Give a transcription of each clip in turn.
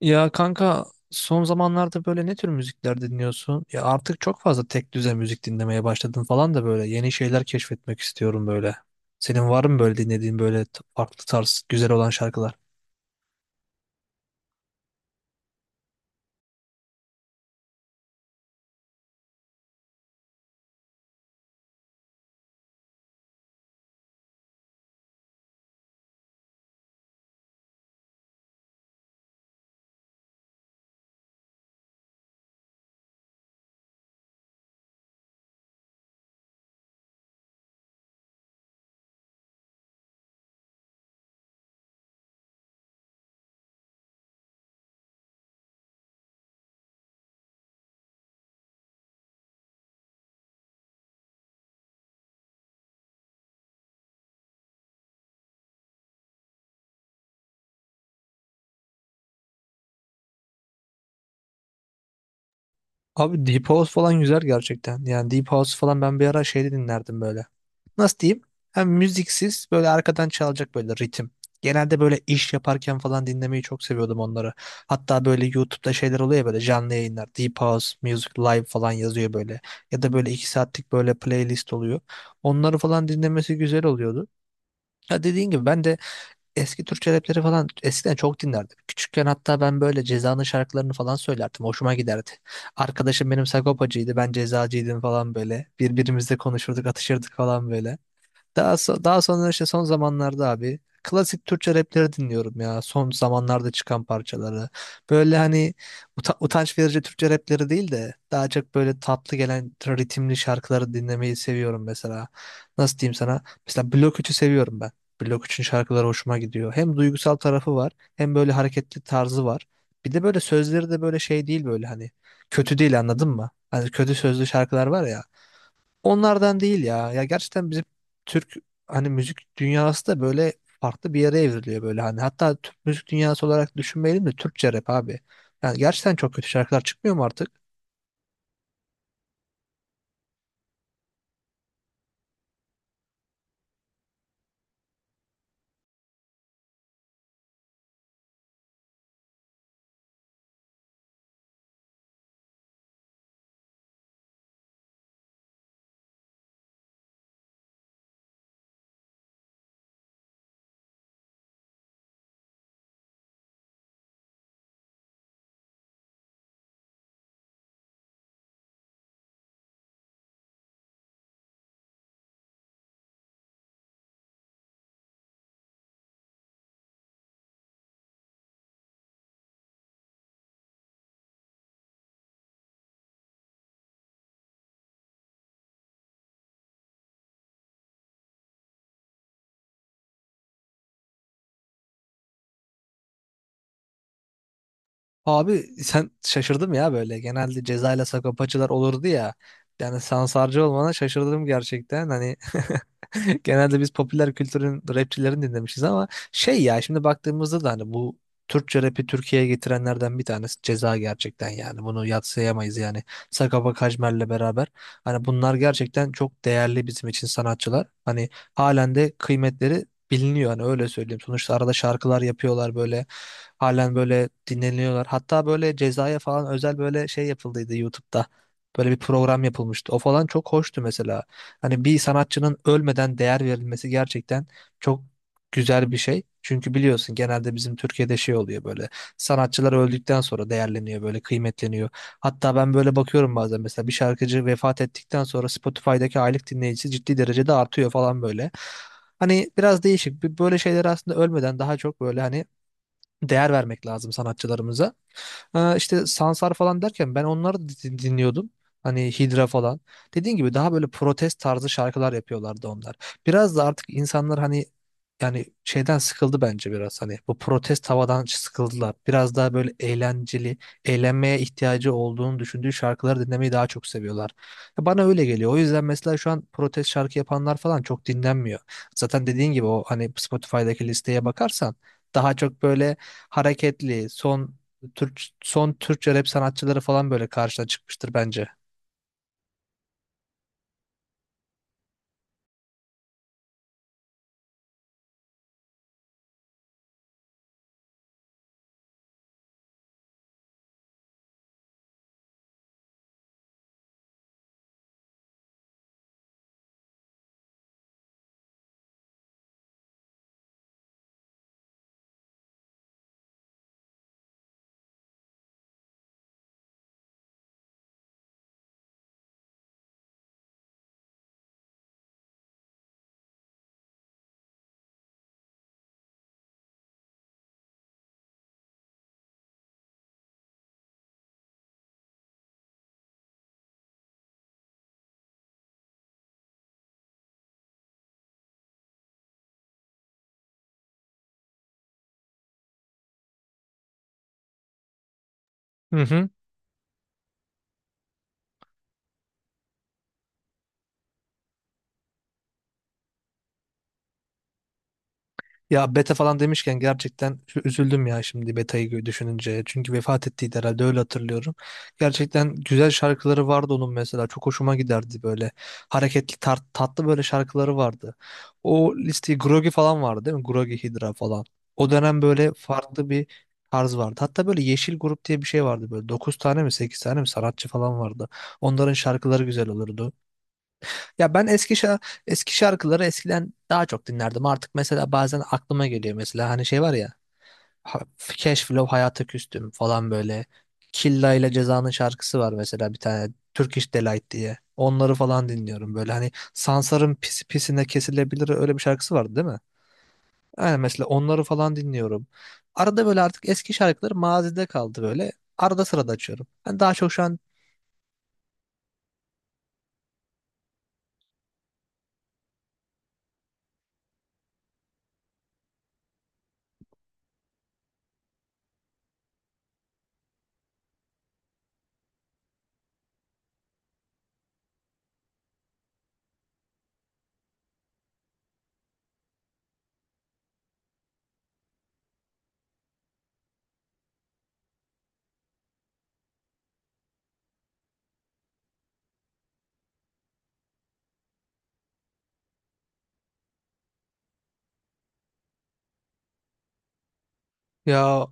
Ya kanka son zamanlarda böyle ne tür müzikler dinliyorsun? Ya artık çok fazla tek düze müzik dinlemeye başladım falan da böyle yeni şeyler keşfetmek istiyorum böyle. Senin var mı böyle dinlediğin böyle farklı tarz güzel olan şarkılar? Abi Deep House falan güzel gerçekten. Yani Deep House falan ben bir ara şeyde dinlerdim böyle. Nasıl diyeyim? Hem müziksiz böyle arkadan çalacak böyle ritim. Genelde böyle iş yaparken falan dinlemeyi çok seviyordum onları. Hatta böyle YouTube'da şeyler oluyor ya böyle canlı yayınlar. Deep House, Music Live falan yazıyor böyle. Ya da böyle 2 saatlik böyle playlist oluyor. Onları falan dinlemesi güzel oluyordu. Ya dediğin gibi ben de eski Türkçe rapleri falan eskiden çok dinlerdim. Küçükken hatta ben böyle Ceza'nın şarkılarını falan söylerdim. Hoşuma giderdi. Arkadaşım benim Sagopacıydı, ben Cezacıydım falan böyle. Birbirimizle konuşurduk, atışırdık falan böyle. Daha sonra işte son zamanlarda abi klasik Türkçe rapleri dinliyorum ya. Son zamanlarda çıkan parçaları. Böyle hani utanç verici Türkçe rapleri değil de daha çok böyle tatlı gelen ritimli şarkıları dinlemeyi seviyorum mesela. Nasıl diyeyim sana? Mesela Blok 3'ü seviyorum ben. Blok 3'ün şarkıları hoşuma gidiyor. Hem duygusal tarafı var hem böyle hareketli tarzı var. Bir de böyle sözleri de böyle şey değil böyle hani kötü değil anladın mı? Hani kötü sözlü şarkılar var ya. Onlardan değil ya. Ya gerçekten bizim Türk hani müzik dünyası da böyle farklı bir yere evriliyor böyle hani. Hatta Türk müzik dünyası olarak düşünmeyelim de Türkçe rap abi. Yani gerçekten çok kötü şarkılar çıkmıyor mu artık? Abi sen şaşırdım ya böyle. Genelde Ceza ile Sakopacılar olurdu ya. Yani Sansarcı olmana şaşırdım gerçekten. Hani genelde biz popüler kültürün rapçilerini dinlemişiz ama şey ya şimdi baktığımızda da hani bu Türkçe rapi Türkiye'ye getirenlerden bir tanesi Ceza gerçekten yani. Bunu yadsıyamayız yani. Sagopa Kajmer'le beraber. Hani bunlar gerçekten çok değerli bizim için sanatçılar. Hani halen de kıymetleri biliniyor hani öyle söyleyeyim. Sonuçta arada şarkılar yapıyorlar böyle. Halen böyle dinleniyorlar. Hatta böyle cezaya falan özel böyle şey yapıldıydı YouTube'da. Böyle bir program yapılmıştı. O falan çok hoştu mesela. Hani bir sanatçının ölmeden değer verilmesi gerçekten çok güzel bir şey. Çünkü biliyorsun genelde bizim Türkiye'de şey oluyor böyle. Sanatçılar öldükten sonra değerleniyor böyle kıymetleniyor. Hatta ben böyle bakıyorum bazen mesela bir şarkıcı vefat ettikten sonra Spotify'daki aylık dinleyicisi ciddi derecede artıyor falan böyle. Hani biraz değişik. Böyle şeyler aslında ölmeden daha çok böyle hani değer vermek lazım sanatçılarımıza. İşte Sansar falan derken ben onları dinliyordum. Hani Hidra falan. Dediğin gibi daha böyle protest tarzı şarkılar yapıyorlardı onlar. Biraz da artık insanlar hani yani şeyden sıkıldı bence biraz hani bu protest havadan sıkıldılar. Biraz daha böyle eğlenceli, eğlenmeye ihtiyacı olduğunu düşündüğü şarkıları dinlemeyi daha çok seviyorlar. Ya bana öyle geliyor. O yüzden mesela şu an protest şarkı yapanlar falan çok dinlenmiyor. Zaten dediğin gibi o hani Spotify'daki listeye bakarsan daha çok böyle hareketli, son Türkçe rap sanatçıları falan böyle karşına çıkmıştır bence. Hı hı. Ya beta falan demişken gerçekten üzüldüm ya şimdi betayı düşününce. Çünkü vefat ettiydi herhalde öyle hatırlıyorum. Gerçekten güzel şarkıları vardı onun mesela. Çok hoşuma giderdi böyle. Hareketli tatlı böyle şarkıları vardı. O listeyi Grogi falan vardı değil mi? Grogi Hydra falan. O dönem böyle farklı bir tarz vardı. Hatta böyle Yeşil Grup diye bir şey vardı böyle. Dokuz tane mi 8 tane mi sanatçı falan vardı. Onların şarkıları güzel olurdu. Ya ben eski şarkıları eskiden daha çok dinlerdim. Artık mesela bazen aklıma geliyor mesela hani şey var ya ha- Cash Flow Hayata Küstüm falan böyle. Killa ile Ceza'nın şarkısı var mesela bir tane Turkish Delight diye. Onları falan dinliyorum böyle hani Sansar'ın pis pisine kesilebilir öyle bir şarkısı vardı değil mi? Aynen mesela onları falan dinliyorum. Arada böyle artık eski şarkıları mazide kaldı böyle. Arada sırada açıyorum. Ben daha çok şu an. Ya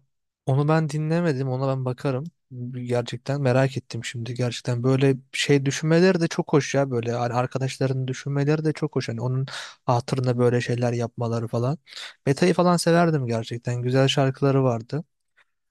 onu ben dinlemedim, ona ben bakarım. Gerçekten merak ettim şimdi. Gerçekten böyle şey düşünmeleri de çok hoş ya böyle hani arkadaşlarının düşünmeleri de çok hoş. Hani onun hatırına böyle şeyler yapmaları falan. Beta'yı falan severdim gerçekten. Güzel şarkıları vardı.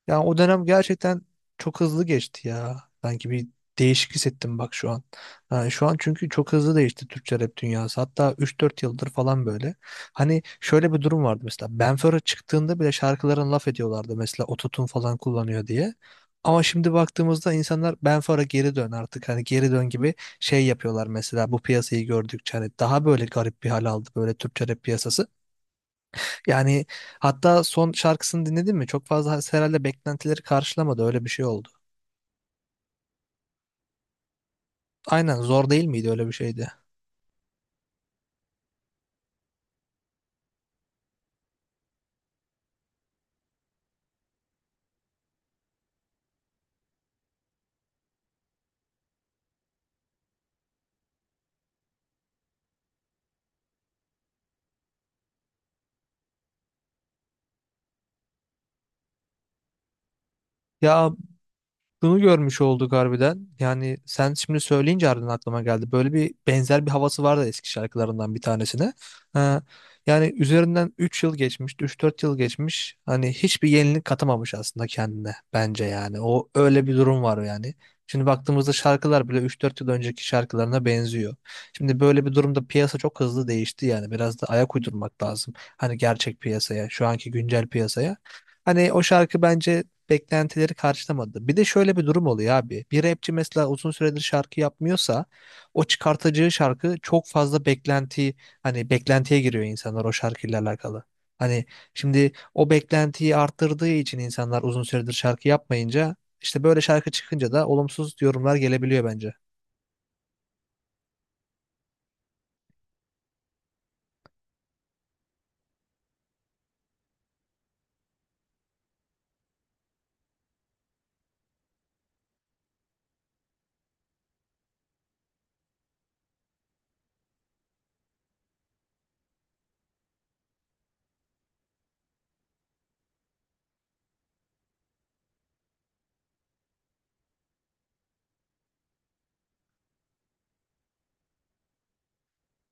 Yani o dönem gerçekten çok hızlı geçti ya. Sanki bir değişik hissettim bak şu an. Yani şu an çünkü çok hızlı değişti Türkçe rap dünyası. Hatta 3 4 yıldır falan böyle. Hani şöyle bir durum vardı mesela. Ben Fero çıktığında bile şarkıların laf ediyorlardı mesela ototun falan kullanıyor diye. Ama şimdi baktığımızda insanlar Ben Fero geri dön artık hani geri dön gibi şey yapıyorlar mesela bu piyasayı gördükçe hani daha böyle garip bir hal aldı böyle Türkçe rap piyasası. Yani hatta son şarkısını dinledin mi? Çok fazla herhalde beklentileri karşılamadı. Öyle bir şey oldu. Aynen zor değil miydi? Öyle bir şeydi. Ya, şunu görmüş olduk harbiden. Yani sen şimdi söyleyince harbiden aklıma geldi. Böyle bir benzer bir havası vardı eski şarkılarından bir tanesine. Ha, yani üzerinden 3 yıl geçmiş, 3 4 yıl geçmiş. Hani hiçbir yenilik katamamış aslında kendine bence yani. O öyle bir durum var yani. Şimdi baktığımızda şarkılar bile 3 4 yıl önceki şarkılarına benziyor. Şimdi böyle bir durumda piyasa çok hızlı değişti yani. Biraz da ayak uydurmak lazım. Hani gerçek piyasaya, şu anki güncel piyasaya. Hani o şarkı bence beklentileri karşılamadı. Bir de şöyle bir durum oluyor abi. Bir rapçi mesela uzun süredir şarkı yapmıyorsa o çıkartacağı şarkı çok fazla beklenti hani beklentiye giriyor insanlar o şarkıyla alakalı. Hani şimdi o beklentiyi arttırdığı için insanlar uzun süredir şarkı yapmayınca işte böyle şarkı çıkınca da olumsuz yorumlar gelebiliyor bence.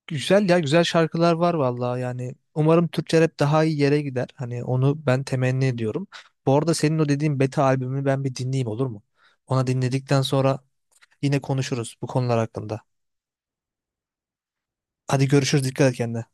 Güzel ya güzel şarkılar var vallahi yani umarım Türkçe rap daha iyi yere gider. Hani onu ben temenni ediyorum. Bu arada senin o dediğin Beta albümü ben bir dinleyeyim olur mu? Ona dinledikten sonra yine konuşuruz bu konular hakkında. Hadi görüşürüz dikkat et kendine.